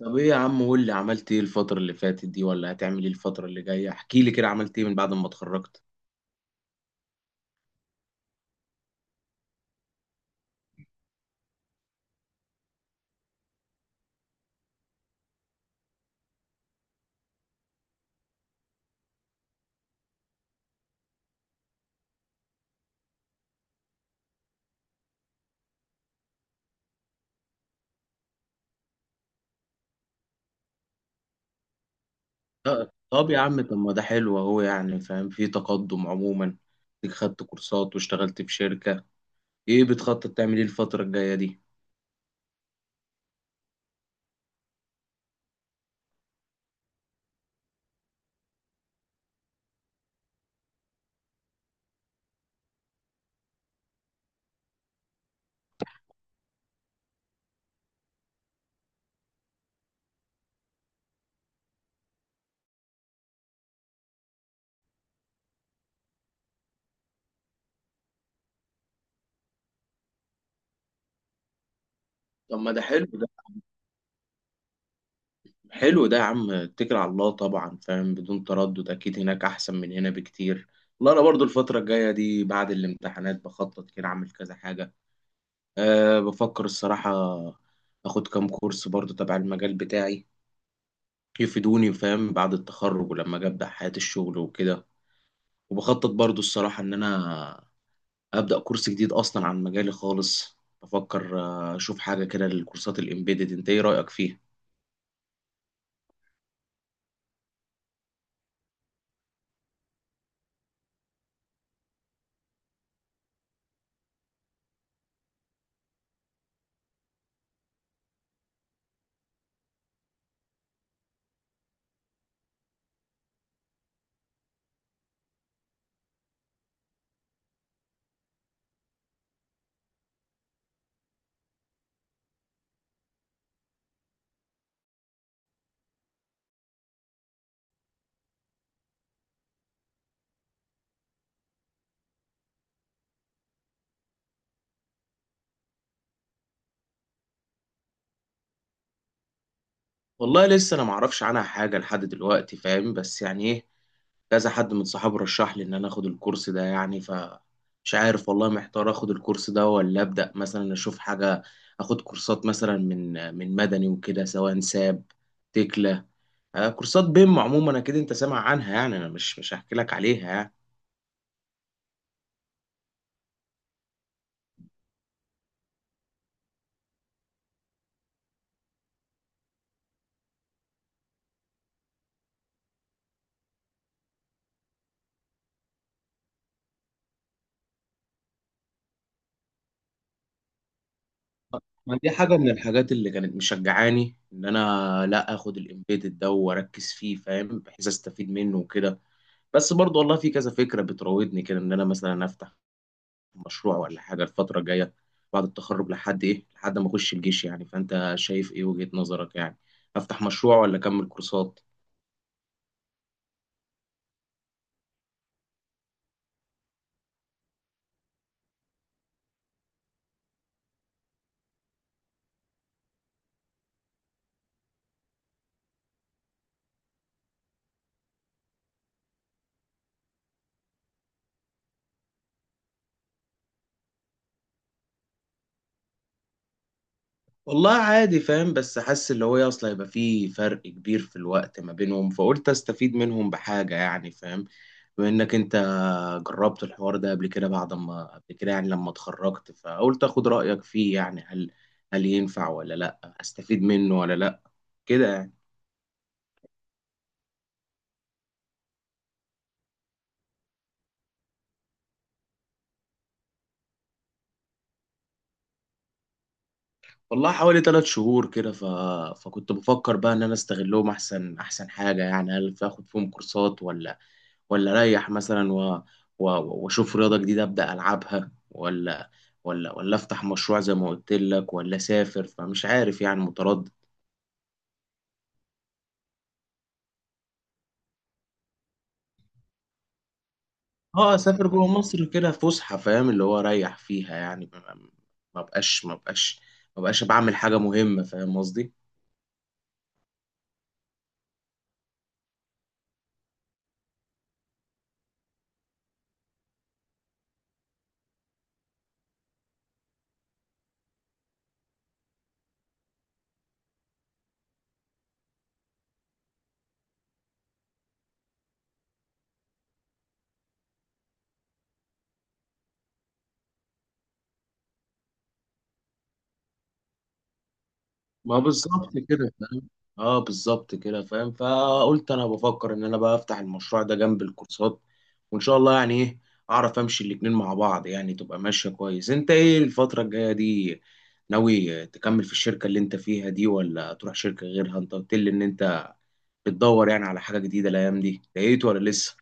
طب، ايه يا عم؟ قول لي، عملت ايه الفترة اللي فاتت دي، ولا هتعمل ايه الفترة اللي جاية؟ احكي لي كده، عملت ايه من بعد ما اتخرجت؟ طب يا عم، طب ما ده حلو اهو، يعني فاهم، في تقدم عموما، إنك خدت كورسات واشتغلت في شركة. ايه بتخطط تعمل ايه الفترة الجاية دي؟ طب ما ده حلو ده يا عم، اتكل على الله طبعا، فاهم، بدون تردد اكيد هناك احسن من هنا بكتير. والله انا برضو الفترة الجاية دي بعد الامتحانات بخطط كده اعمل كذا حاجة. أه، بفكر الصراحة اخد كام كورس برضو تبع المجال بتاعي، يفيدوني فاهم، بعد التخرج ولما اجي ابدا حياه الشغل وكده. وبخطط برضو الصراحه ان انا ابدا كورس جديد اصلا عن مجالي خالص، بفكر اشوف حاجه كده للكورسات الامبيدد. انت ايه رايك فيها؟ والله لسه انا معرفش عنها حاجه لحد دلوقتي، فاهم، بس يعني ايه، كذا حد من صحابي رشح لي ان انا اخد الكورس ده يعني. مش عارف والله، محتار اخد الكورس ده ولا ابدا مثلا اشوف حاجه، اخد كورسات مثلا من مدني وكده، سواء ساب، تكلا، كورسات بيم عموما. اكيد انت سامع عنها، يعني انا مش هحكي لك عليها يعني. ما دي حاجه من الحاجات اللي كانت مشجعاني ان انا لا اخد الامبيدد ده واركز فيه، فاهم، بحيث استفيد منه وكده. بس برضه والله في كذا فكره بتراودني كده، ان انا مثلا افتح مشروع ولا حاجة الفترة الجاية بعد التخرج، لحد لحد ما أخش الجيش يعني. فأنت شايف إيه وجهة نظرك يعني؟ أفتح مشروع ولا أكمل كورسات؟ والله عادي فاهم، بس حاسس اللي هو أصل هيبقى في فرق كبير في الوقت ما بينهم، فقلت أستفيد منهم بحاجة يعني فاهم. بما إنك أنت جربت الحوار ده قبل كده، بعد ما قبل كده يعني لما اتخرجت، فقلت أخد رأيك فيه يعني، هل ينفع ولا لأ؟ أستفيد منه ولا لأ؟ كده يعني. والله حوالي 3 شهور كده، فكنت بفكر بقى ان انا استغلهم احسن حاجه يعني، هل في اخد فيهم كورسات، ولا اريح مثلا، و... واشوف رياضه جديده ابدا العبها، ولا افتح مشروع زي ما قلت لك، ولا اسافر؟ فمش عارف يعني، متردد. اه، اسافر جوه مصر كده فسحه، فاهم، اللي هو اريح فيها يعني. ما بقاش ما بقاش ما بقاش بعمل حاجه مهمه، فاهم قصدي. ما بالظبط كده فاهم، اه بالظبط كده فاهم، فقلت انا بفكر ان انا بقى افتح المشروع ده جنب الكورسات، وان شاء الله يعني ايه، اعرف امشي الاتنين مع بعض يعني، تبقى ماشية كويس. انت ايه الفترة الجاية دي؟ ناوي تكمل في الشركة اللي انت فيها دي، ولا تروح شركة غيرها؟ انت قلت لي ان انت بتدور يعني على حاجة جديدة الايام دي، لقيت ولا لسه؟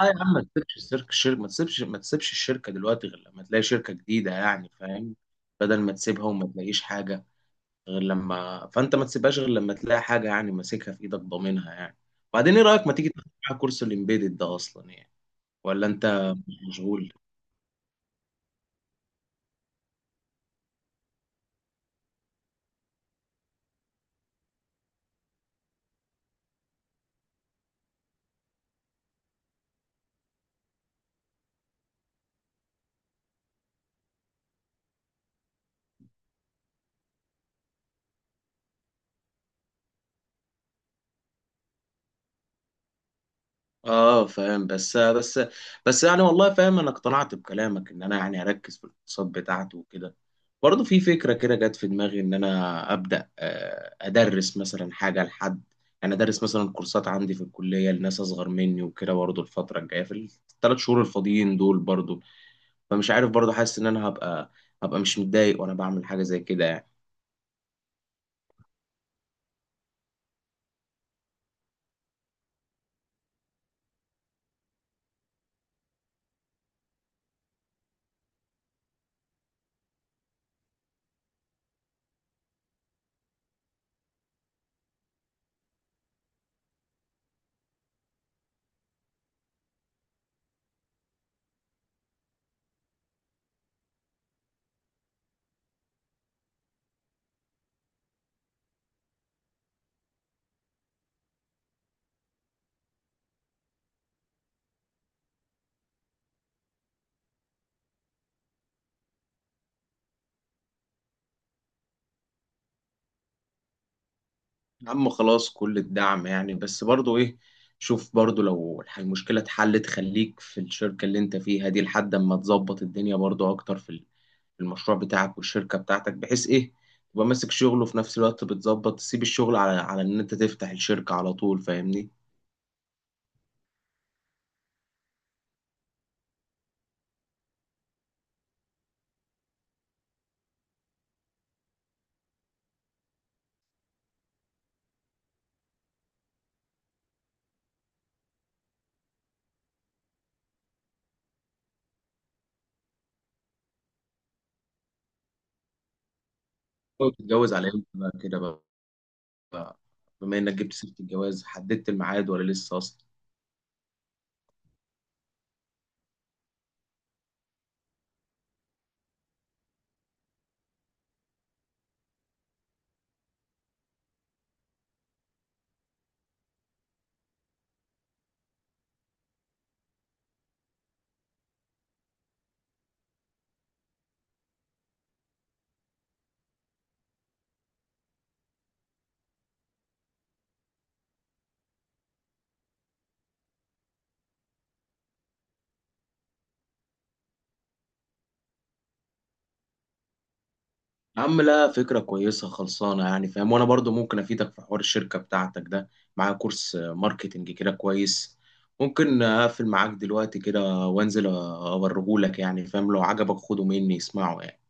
اه يا عم، ما تسيبش الشركة، الشركة ما تسيبش الشركة دلوقتي غير لما تلاقي شركة جديدة يعني فاهم، بدل ما تسيبها وما تلاقيش حاجة. غير لما فانت ما تسيبهاش غير لما تلاقي حاجه يعني، ماسكها في ايدك ضامنها يعني. بعدين ايه رايك ما تيجي تاخد معايا كورس الامبيدد ده اصلا يعني؟ ولا انت مشغول؟ اه فاهم، بس يعني والله فاهم، انا اقتنعت بكلامك ان انا يعني اركز في الاقتصاد بتاعته وكده. برضه في فكره كده جت في دماغي ان انا ابدا ادرس مثلا حاجه، لحد يعني، ادرس مثلا كورسات عندي في الكليه لناس اصغر مني وكده برضه الفتره الجايه في الثلاث شهور الفاضيين دول برضه. فمش عارف، برضه حاسس ان انا هبقى مش متضايق وانا بعمل حاجه زي كده يعني. يا عم خلاص، كل الدعم يعني، بس برضه ايه، شوف برضه، لو المشكله اتحلت خليك في الشركه اللي انت فيها دي لحد اما تظبط الدنيا برضه اكتر في المشروع بتاعك والشركه بتاعتك، بحيث ايه، تبقى ماسك شغله، وفي نفس الوقت بتظبط تسيب الشغل، على ان انت تفتح الشركه على طول، فاهمني؟ وتتجوز على امتى بقى كده بقى- بما انك جبت سيره الجواز، حددت الميعاد ولا لسه اصلا؟ يا عم لا، فكرة كويسة خلصانة يعني فاهم. وأنا برضو ممكن أفيدك في حوار الشركة بتاعتك ده، معايا كورس ماركتينج كده كويس، ممكن أقفل معاك دلوقتي كده وأنزل أوريهولك يعني فاهم، لو عجبك خده مني اسمعه يعني.